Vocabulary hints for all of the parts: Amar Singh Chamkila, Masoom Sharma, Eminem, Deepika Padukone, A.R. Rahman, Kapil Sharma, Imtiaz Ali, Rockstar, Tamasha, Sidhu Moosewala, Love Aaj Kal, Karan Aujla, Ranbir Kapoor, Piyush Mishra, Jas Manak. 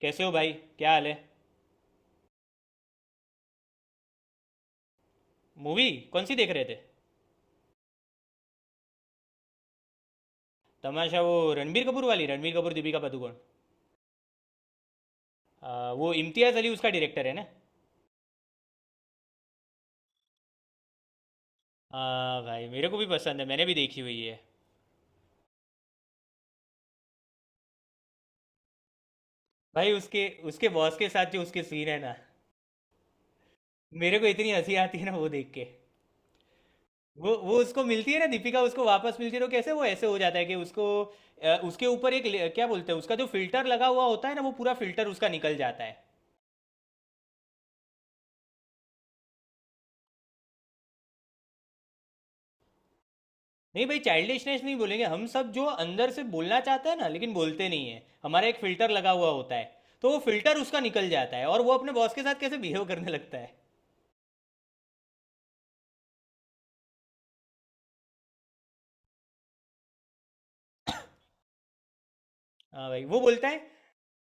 कैसे हो भाई? क्या हाल है? मूवी? कौन सी देख रहे थे? तमाशा? वो रणबीर कपूर वाली? रणबीर कपूर, दीपिका पादुकोण। वो इम्तियाज़ अली उसका डायरेक्टर है ना। हाँ भाई, मेरे को भी पसंद है, मैंने भी देखी हुई है। भाई उसके उसके बॉस के साथ जो उसके सीन है ना, मेरे को इतनी हंसी आती है ना वो देख के। वो उसको मिलती है ना, दीपिका उसको वापस मिलती है तो कैसे वो ऐसे हो जाता है कि उसको उसके ऊपर एक क्या बोलते हैं, उसका जो फिल्टर लगा हुआ होता है ना, वो पूरा फिल्टर उसका निकल जाता है। नहीं भाई, चाइल्डिशनेस नहीं बोलेंगे, हम सब जो अंदर से बोलना चाहते हैं ना लेकिन बोलते नहीं है, हमारा एक फिल्टर लगा हुआ होता है। तो वो फिल्टर उसका निकल जाता है और वो अपने बॉस के साथ कैसे बिहेव करने लगता है। हाँ भाई, वो बोलता है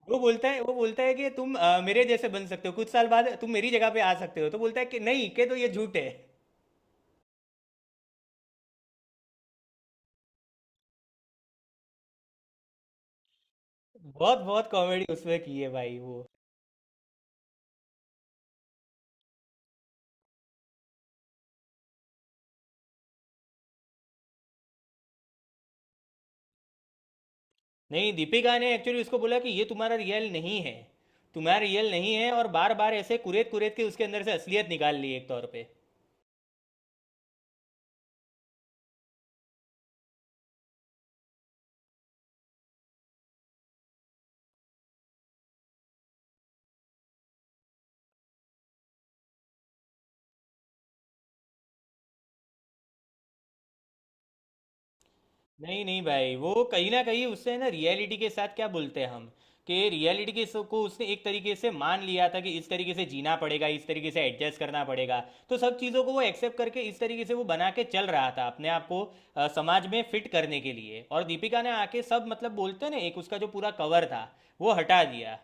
वो बोलता है वो बोलता है कि तुम मेरे जैसे बन सकते हो, कुछ साल बाद तुम मेरी जगह पे आ सकते हो, तो बोलता है कि नहीं के तो ये झूठ है। बहुत बहुत कॉमेडी उसमें की है भाई वो। नहीं, दीपिका ने एक्चुअली उसको बोला कि ये तुम्हारा रियल नहीं है, तुम्हारा रियल नहीं है। और बार बार ऐसे कुरेद कुरेद के उसके अंदर से असलियत निकाल ली एक तौर पे। नहीं नहीं भाई, वो कहीं ना कहीं उससे है ना रियलिटी के साथ, क्या बोलते हैं हम, कि रियलिटी को उसने एक तरीके से मान लिया था कि इस तरीके से जीना पड़ेगा, इस तरीके से एडजस्ट करना पड़ेगा। तो सब चीज़ों को वो एक्सेप्ट करके इस तरीके से वो बना के चल रहा था अपने आप को, समाज में फिट करने के लिए। और दीपिका ने आके सब, मतलब बोलते हैं ना, एक उसका जो पूरा कवर था वो हटा दिया।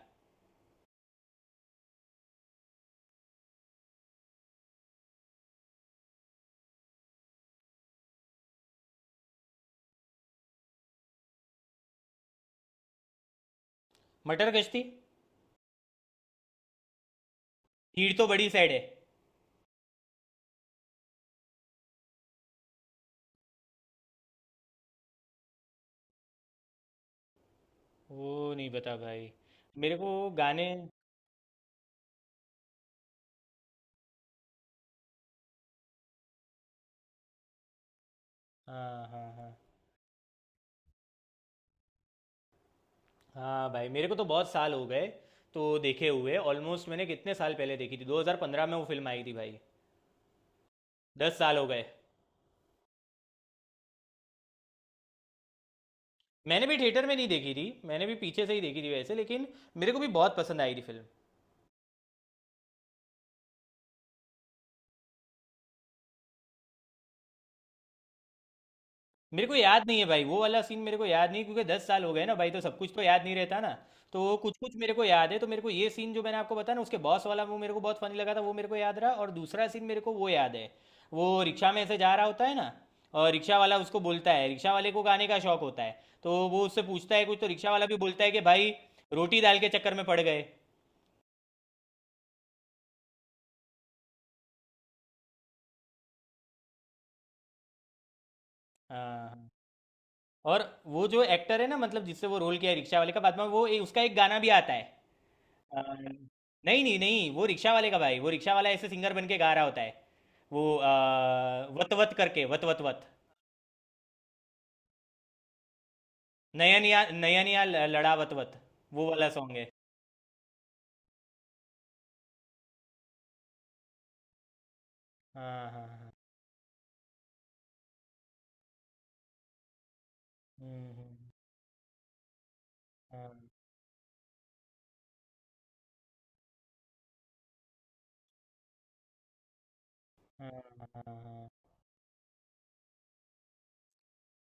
मटर गश्ती। भीड़ तो बड़ी साइड है। वो नहीं पता भाई। मेरे को गाने। हाँ हाँ हाँ। हाँ भाई, मेरे को तो बहुत साल हो गए तो देखे हुए। ऑलमोस्ट मैंने कितने साल पहले देखी थी? 2015 में वो फिल्म आई थी भाई। 10 साल हो गए। मैंने भी थिएटर में नहीं देखी थी, मैंने भी पीछे से ही देखी थी वैसे, लेकिन मेरे को भी बहुत पसंद आई थी फिल्म। मेरे को याद नहीं है भाई, वो वाला सीन मेरे को याद नहीं, क्योंकि 10 साल हो गए ना भाई, तो सब कुछ तो याद नहीं रहता ना। तो कुछ कुछ मेरे को याद है, तो मेरे को ये सीन जो मैंने आपको बताया ना उसके बॉस वाला, वो मेरे को बहुत फनी लगा था, वो मेरे को याद रहा। और दूसरा सीन मेरे को वो याद है, वो रिक्शा में ऐसे जा रहा होता है ना, और रिक्शा वाला उसको बोलता है, रिक्शा वाले को गाने का शौक होता है तो वो उससे पूछता है कुछ, तो रिक्शा वाला भी बोलता है कि भाई रोटी दाल के चक्कर में पड़ गए। हाँ हाँ। और वो जो एक्टर है ना, मतलब जिससे वो रोल किया है रिक्शा वाले का, बाद में वो उसका एक गाना भी आता है। अ, नहीं नहीं नहीं, वो रिक्शा वाले का भाई, वो रिक्शा वाला ऐसे सिंगर बन के गा रहा होता है वो। वत वत करके, वत वत वत, नयनिया नयनिया लड़ा वत वत। वो वाला सॉन्ग है। हाँ हाँ हाँ। हम्म। हाँ हाँ हाँ। हाँ, हाँ।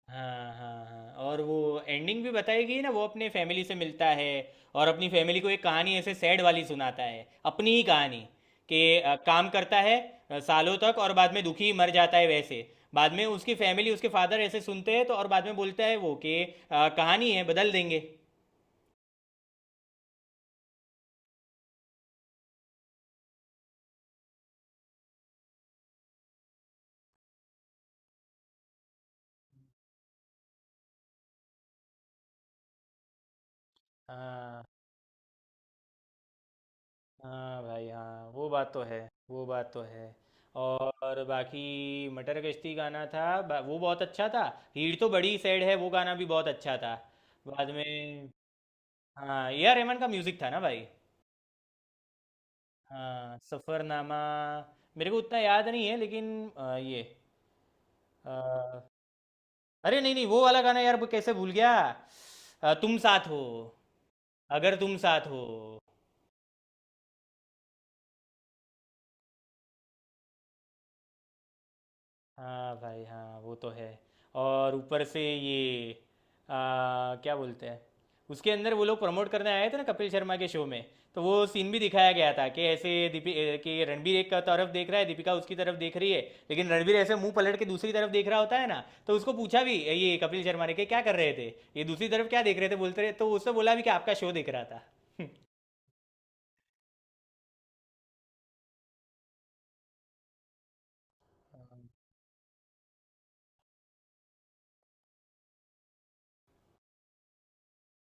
हाँ हाँ हाँ। और वो एंडिंग भी बताएगी ना, वो अपने फैमिली से मिलता है और अपनी फैमिली को एक कहानी ऐसे सैड वाली सुनाता है, अपनी ही कहानी, कि काम करता है सालों तक और बाद में दुखी मर जाता है वैसे। बाद में उसकी फैमिली, उसके फादर ऐसे सुनते हैं तो, और बाद में बोलता है वो कि कहानी है, बदल देंगे। हाँ हाँ भाई, हाँ वो बात तो है, वो बात तो है। और बाकी मटर गश्ती गाना था, वो बहुत अच्छा था। हीड़ तो बड़ी सैड है, वो गाना भी बहुत अच्छा था। बाद में। हाँ, ए आर रहमान का म्यूज़िक था ना भाई। हाँ सफ़रनामा। मेरे को उतना याद नहीं है लेकिन अ, ये अ, अरे नहीं नहीं, वो वाला गाना यार, कैसे भूल गया। तुम साथ हो, अगर तुम साथ हो। हाँ भाई, हाँ वो तो है। और ऊपर से ये, क्या बोलते हैं, उसके अंदर वो लोग प्रमोट करने आए थे ना कपिल शर्मा के शो में। तो वो सीन भी दिखाया गया था कि ऐसे कि रणबीर एक तरफ देख रहा है, दीपिका उसकी तरफ देख रही है, लेकिन रणबीर ऐसे मुंह पलट के दूसरी तरफ देख रहा होता है ना, तो उसको पूछा भी ये कपिल शर्मा ने कि क्या कर रहे थे, ये दूसरी तरफ क्या देख रहे थे, बोलते रहे तो उसने बोला भी कि आपका शो देख रहा था।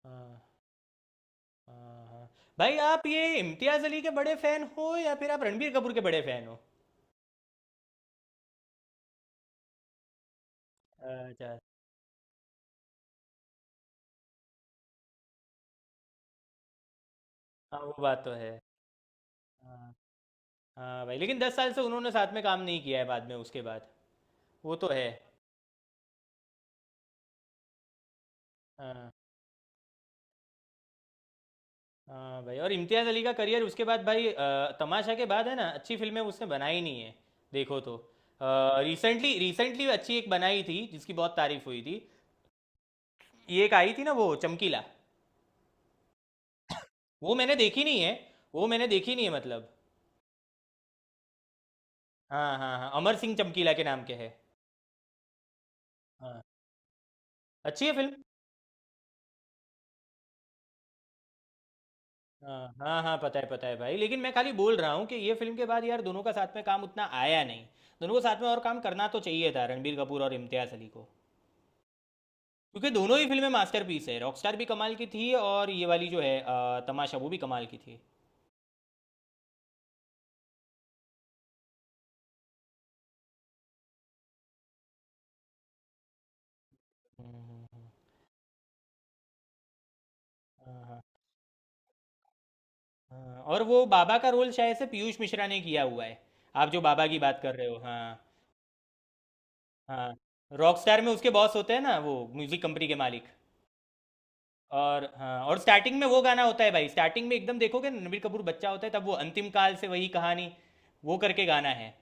हाँ, हाँ, हाँ। भाई आप ये इम्तियाज अली के बड़े फैन हो, या फिर आप रणबीर कपूर के बड़े फैन हो? अच्छा। हाँ वो बात तो है। हाँ हाँ भाई, लेकिन 10 साल से उन्होंने साथ में काम नहीं किया है बाद में, उसके बाद। वो तो है। हाँ हाँ भाई, और इम्तियाज़ अली का करियर उसके बाद भाई, तमाशा के बाद है ना, अच्छी फिल्में उसने बनाई नहीं है, देखो तो। रिसेंटली रिसेंटली अच्छी एक बनाई थी जिसकी बहुत तारीफ हुई थी। ये एक आई थी ना, वो चमकीला। वो मैंने देखी नहीं है, वो मैंने देखी नहीं है मतलब। हाँ हाँ हाँ, अमर सिंह चमकीला के नाम के है। हाँ, अच्छी है फिल्म। हाँ हाँ हाँ, पता है भाई, लेकिन मैं खाली बोल रहा हूँ कि ये फिल्म के बाद यार दोनों का साथ में काम उतना आया नहीं। दोनों को साथ में और काम करना तो चाहिए था, रणबीर कपूर और इम्तियाज अली को, क्योंकि दोनों ही फिल्में मास्टरपीस है, रॉकस्टार भी कमाल की थी और ये वाली जो है तमाशा, वो भी कमाल की थी। हम्म, हम्म, हम्म। हाँ, हाँ, हाँ। और वो बाबा का रोल शायद से पीयूष मिश्रा ने किया हुआ है। आप जो बाबा की बात कर रहे हो, हाँ? हाँ। रॉकस्टार में उसके बॉस होते हैं ना, वो म्यूजिक कंपनी के मालिक। और हाँ, और स्टार्टिंग में वो गाना होता है भाई, स्टार्टिंग में एकदम देखोगे ना, रणबीर कपूर बच्चा होता है तब, वो अंतिम काल से वही कहानी वो करके गाना है।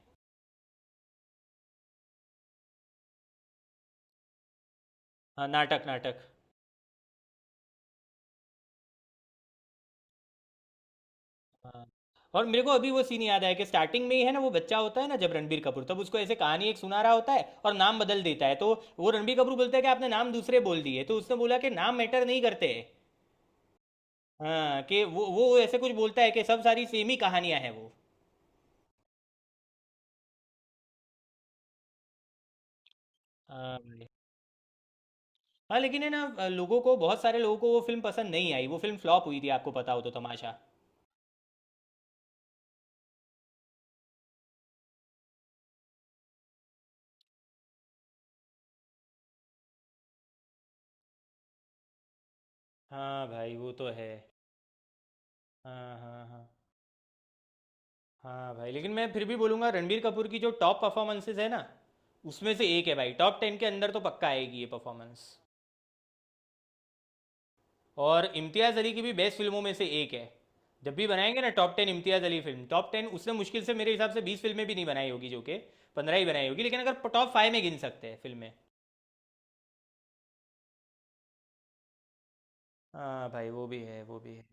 हाँ नाटक नाटक। हाँ, और मेरे को अभी वो सीन याद आया कि स्टार्टिंग में ही है ना, वो बच्चा होता है ना जब रणबीर कपूर, तब उसको ऐसे कहानी एक सुना रहा होता है और नाम बदल देता है तो, वो रणबीर कपूर बोलता है कि आपने नाम दूसरे बोल दिए, तो उसने बोला कि नाम मैटर नहीं करते। हाँ, कि वो ऐसे कुछ बोलता है कि सब सारी सेम ही कहानियां हैं वो। हाँ भाई, हाँ लेकिन है ना, लोगों को, बहुत सारे लोगों को वो फिल्म पसंद नहीं आई, वो फिल्म फ्लॉप हुई थी आपको पता हो तो, तमाशा। हाँ भाई वो तो है। हाँ हाँ हाँ। हाँ भाई, लेकिन मैं फिर भी बोलूँगा, रणबीर कपूर की जो टॉप परफॉर्मेंसेज है ना, उसमें से एक है भाई, टॉप 10 के अंदर तो पक्का आएगी ये परफॉर्मेंस। और इम्तियाज़ अली की भी बेस्ट फिल्मों में से एक है। जब भी बनाएंगे ना टॉप 10 इम्तियाज़ अली फिल्म, टॉप 10, उसने मुश्किल से, मेरे हिसाब से 20 फिल्में भी नहीं बनाई होगी, जो कि 15 ही बनाई होगी, लेकिन अगर टॉप फाइव में गिन सकते हैं फिल्में। हाँ भाई वो भी है, वो भी है।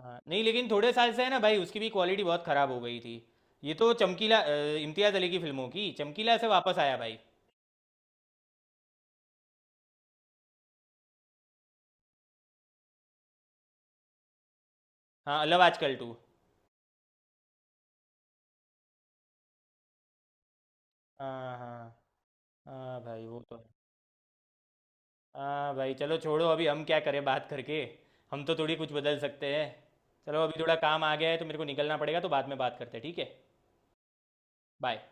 हाँ, नहीं लेकिन थोड़े साल से है ना भाई, उसकी भी क्वालिटी बहुत खराब हो गई थी। ये तो चमकीला, इम्तियाज अली की फिल्मों की, चमकीला से वापस आया भाई। हाँ लव आजकल टू। हाँ हाँ हाँ भाई वो तो है। हाँ भाई, चलो छोड़ो, अभी हम क्या करें बात करके, हम तो थोड़ी कुछ बदल सकते हैं। चलो, अभी थोड़ा काम आ गया है तो मेरे को निकलना पड़ेगा, तो बाद में बात करते हैं, ठीक है? बाय।